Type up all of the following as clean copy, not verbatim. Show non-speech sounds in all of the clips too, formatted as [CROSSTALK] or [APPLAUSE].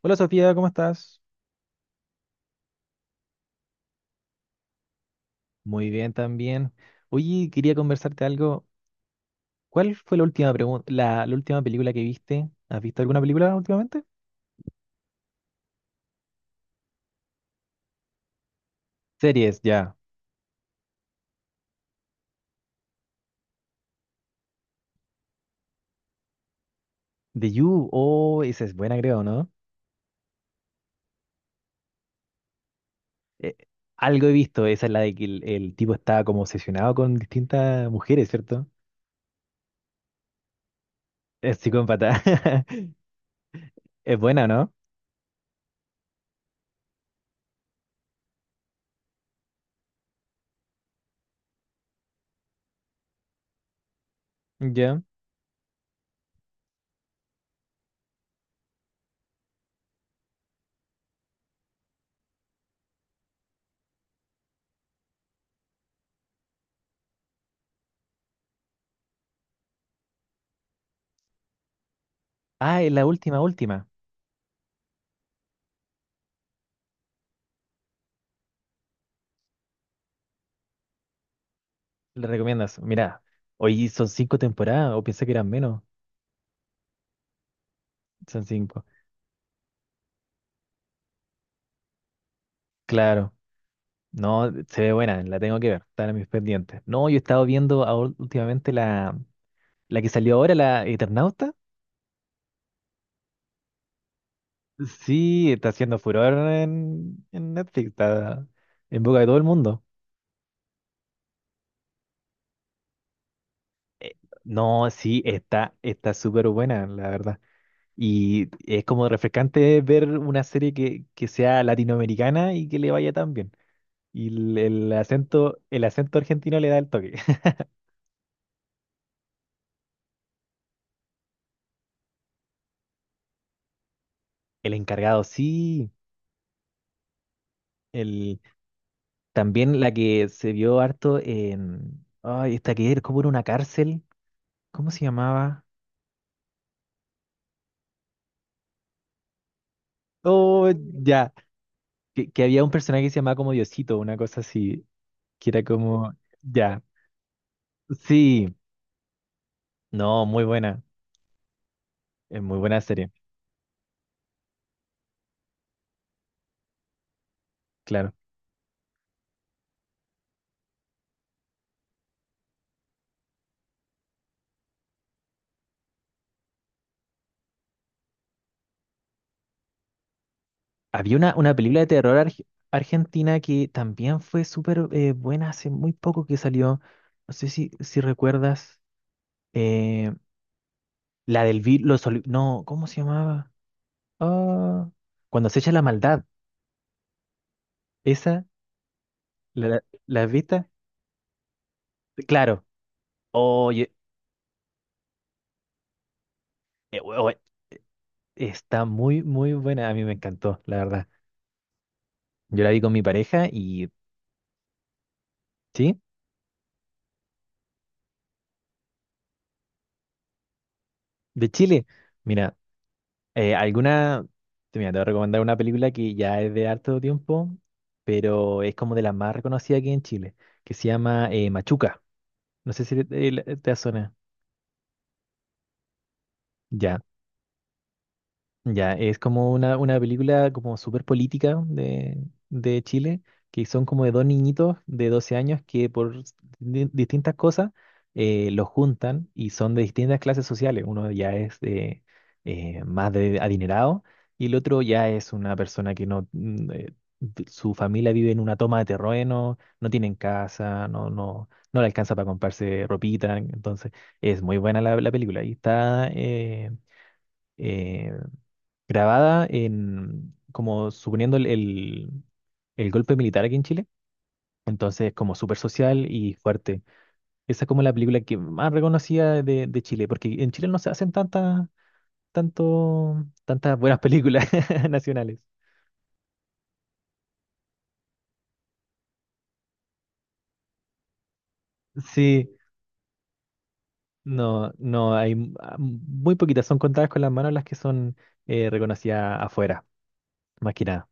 Hola Sofía, ¿cómo estás? Muy bien también. Oye, quería conversarte algo. ¿Cuál fue la última pregunta, la última película que viste? ¿Has visto alguna película últimamente? Series, ya. The You, oh, esa es buena, creo, ¿no? Eh, Algo he visto, esa es la de que el tipo estaba como obsesionado con distintas mujeres, ¿cierto? Es psicópata. [LAUGHS] Es buena, ¿no? Ya. Ah, es la última, última. ¿Le recomiendas? Mira, hoy son cinco temporadas, o pensé que eran menos. Son cinco. Claro. No, se ve buena, la tengo que ver, está en mis pendientes. No, yo he estado viendo últimamente la que salió ahora, la Eternauta. Sí, está haciendo furor en Netflix, está en boca de todo el mundo. Eh, No, sí, está, está súper buena, la verdad. Y es como refrescante ver una serie que sea latinoamericana y que le vaya tan bien. Y el acento, el acento argentino le da el toque. [LAUGHS] El encargado, sí. El, También la que se vio harto en. Ay, esta que era como en una cárcel. ¿Cómo se llamaba? Oh, ya. Que había un personaje que se llamaba como Diosito, una cosa así. Que era como. Ya. Sí. No, muy buena. Es muy buena serie, claro. Había una película de terror argentina que también fue súper buena hace muy poco que salió. No sé si, si recuerdas. eh, la del no, ¿cómo se llamaba? Ah, cuando se echa la maldad. Esa, la Vita, claro. Oye, eh, we- we- está muy, muy buena. A mí me encantó, la verdad. Yo la vi con mi pareja y, sí, de Chile. Mira, eh, alguna, te voy a recomendar una película que ya es de harto tiempo, pero es como de las más reconocidas aquí en Chile, que se llama Machuca. No sé si te, te suena. Ya. Ya, es como una película como súper política de Chile, que son como de dos niñitos de 12 años que por distintas cosas los juntan y son de distintas clases sociales. Uno ya es de, más de adinerado y el otro ya es una persona que no, mm, su familia vive en una toma de terreno, no tienen casa, no, no, no le alcanza para comprarse ropita. Entonces, es muy buena la película y está. Eh, Grabada en, como suponiendo el golpe militar aquí en Chile. Entonces, como súper social y fuerte. Esa es como la película que más reconocida de Chile, porque en Chile no se hacen tantas buenas películas [LAUGHS] nacionales. Sí, no, no, hay muy poquitas, son contadas con las manos las que son reconocidas afuera, más que nada.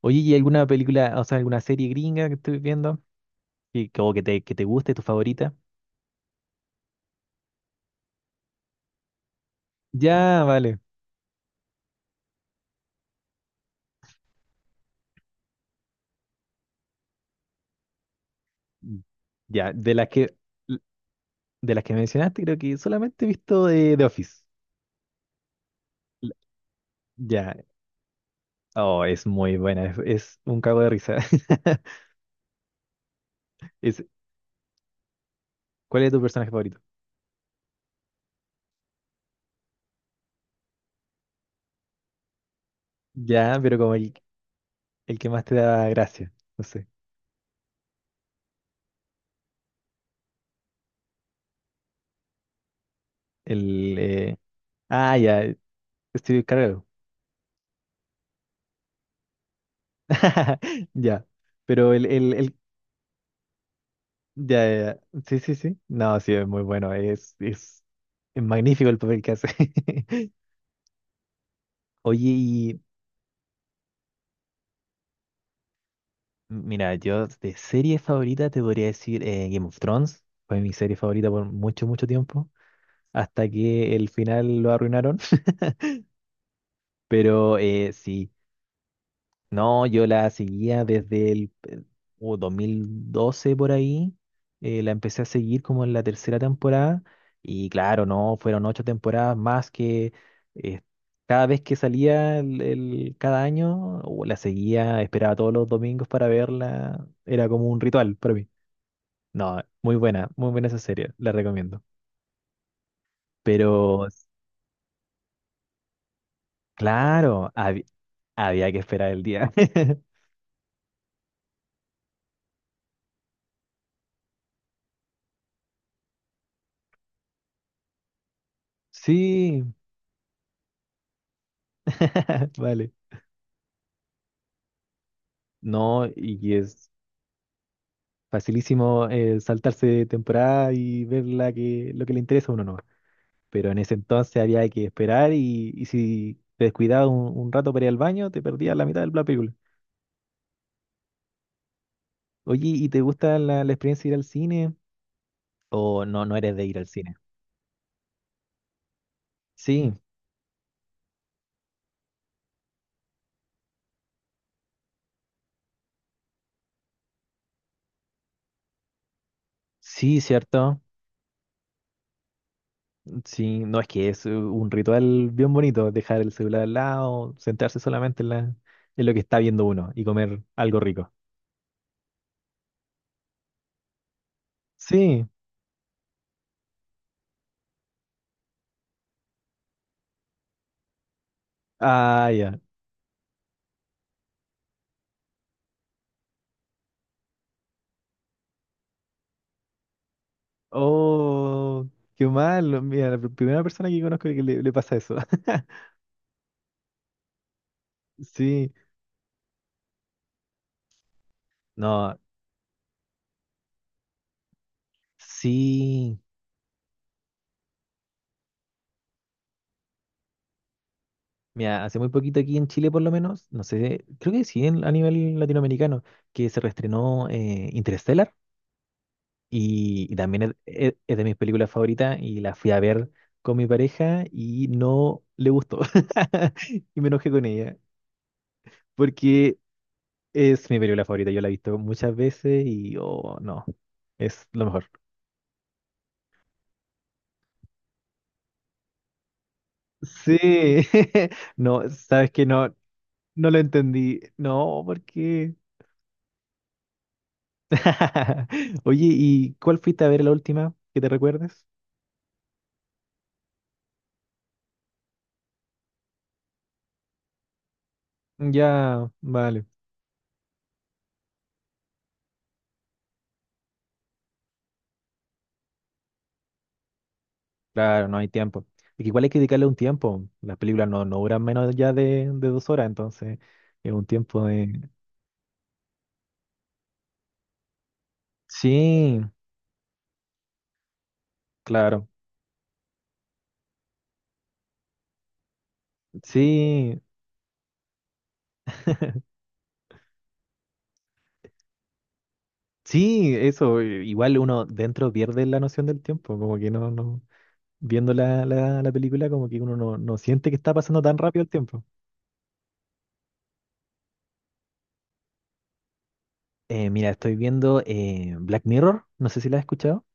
Oye, ¿y alguna película, o sea, alguna serie gringa que estoy viendo o que te guste, tu favorita? Ya, vale. Ya, de las que mencionaste, creo que solamente he visto de The Office. L- Ya, oh, es muy buena, es un cago de risa. [LAUGHS] Es, ¿cuál es tu personaje favorito? Ya, pero como el que más te da gracia, no sé. El Ah, ya, Steve Carell. [LAUGHS] Ya, pero el ya, ya, ya. Sí, sí, sí. No, sí, es muy bueno, es, es magnífico el papel que hace. [LAUGHS] Oye, mira, yo de serie favorita te podría decir Game of Thrones. Fue mi serie favorita por mucho, mucho tiempo. Hasta que el final lo arruinaron. [LAUGHS] Pero sí, no, yo la seguía desde el 2012 por ahí. La empecé a seguir como en la tercera temporada. Y claro, no, fueron ocho temporadas más que eh, cada vez que salía cada año, la seguía, esperaba todos los domingos para verla. Era como un ritual para mí. No, muy buena esa serie, la recomiendo. Pero, claro, había que esperar el día. [LAUGHS] Sí, [LAUGHS] vale. No, y es facilísimo saltarse temporada y ver la que, lo que le interesa a uno, ¿no? Pero en ese entonces había que esperar y si te descuidabas un rato para ir al baño, te perdías la mitad de la película. Oye, ¿y te gusta la experiencia de ir al cine? ¿O no, no eres de ir al cine? Sí, sí, cierto. Sí, no es que es un ritual bien bonito, dejar el celular al lado, sentarse solamente en lo que está viendo uno y comer algo rico. Sí, ah, ya. Oh, qué mal. Mira, la primera persona que conozco que le pasa eso. [LAUGHS] Sí, no, sí. Mira, hace muy poquito aquí en Chile por lo menos, no sé, creo que sí a nivel latinoamericano, que se reestrenó Interstellar. Y también es, es de mis películas favoritas y la fui a ver con mi pareja y no le gustó. [LAUGHS] Y me enojé con ella porque es mi película favorita. Yo la he visto muchas veces y oh, no, es lo mejor. Sí, [LAUGHS] no, sabes que no, no lo entendí. No, ¿por qué? [LAUGHS] Oye, ¿y cuál fuiste a ver la última que te recuerdes? Ya, vale. Claro, no hay tiempo. Y que igual hay que dedicarle un tiempo. Las películas no, no duran menos ya de 2 horas, entonces es un tiempo de. Sí, claro. Sí, sí, eso. Igual uno dentro pierde la noción del tiempo, como que no, no. Viendo la película, como que uno no, no siente que está pasando tan rápido el tiempo. Mira, estoy viendo Black Mirror, no sé si la has escuchado.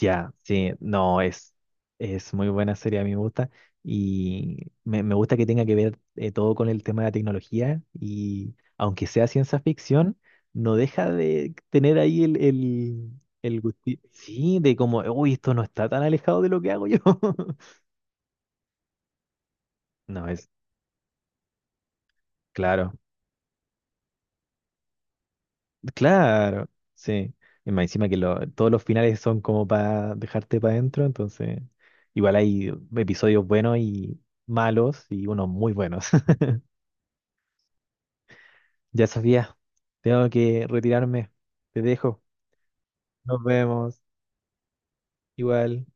Ya, sí, no, es, muy buena serie, a mí me gusta. Y me gusta que tenga que ver todo con el tema de la tecnología. Y aunque sea ciencia ficción, no deja de tener ahí sí, de como, uy, esto no está tan alejado de lo que hago yo. [LAUGHS] No, es claro, claro, sí. Y más encima que todos los finales son como para dejarte para adentro, entonces igual hay episodios buenos y malos y unos muy buenos. Ya Sofía, tengo que retirarme. Te dejo. Nos vemos. Igual.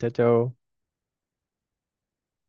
Chao, chao.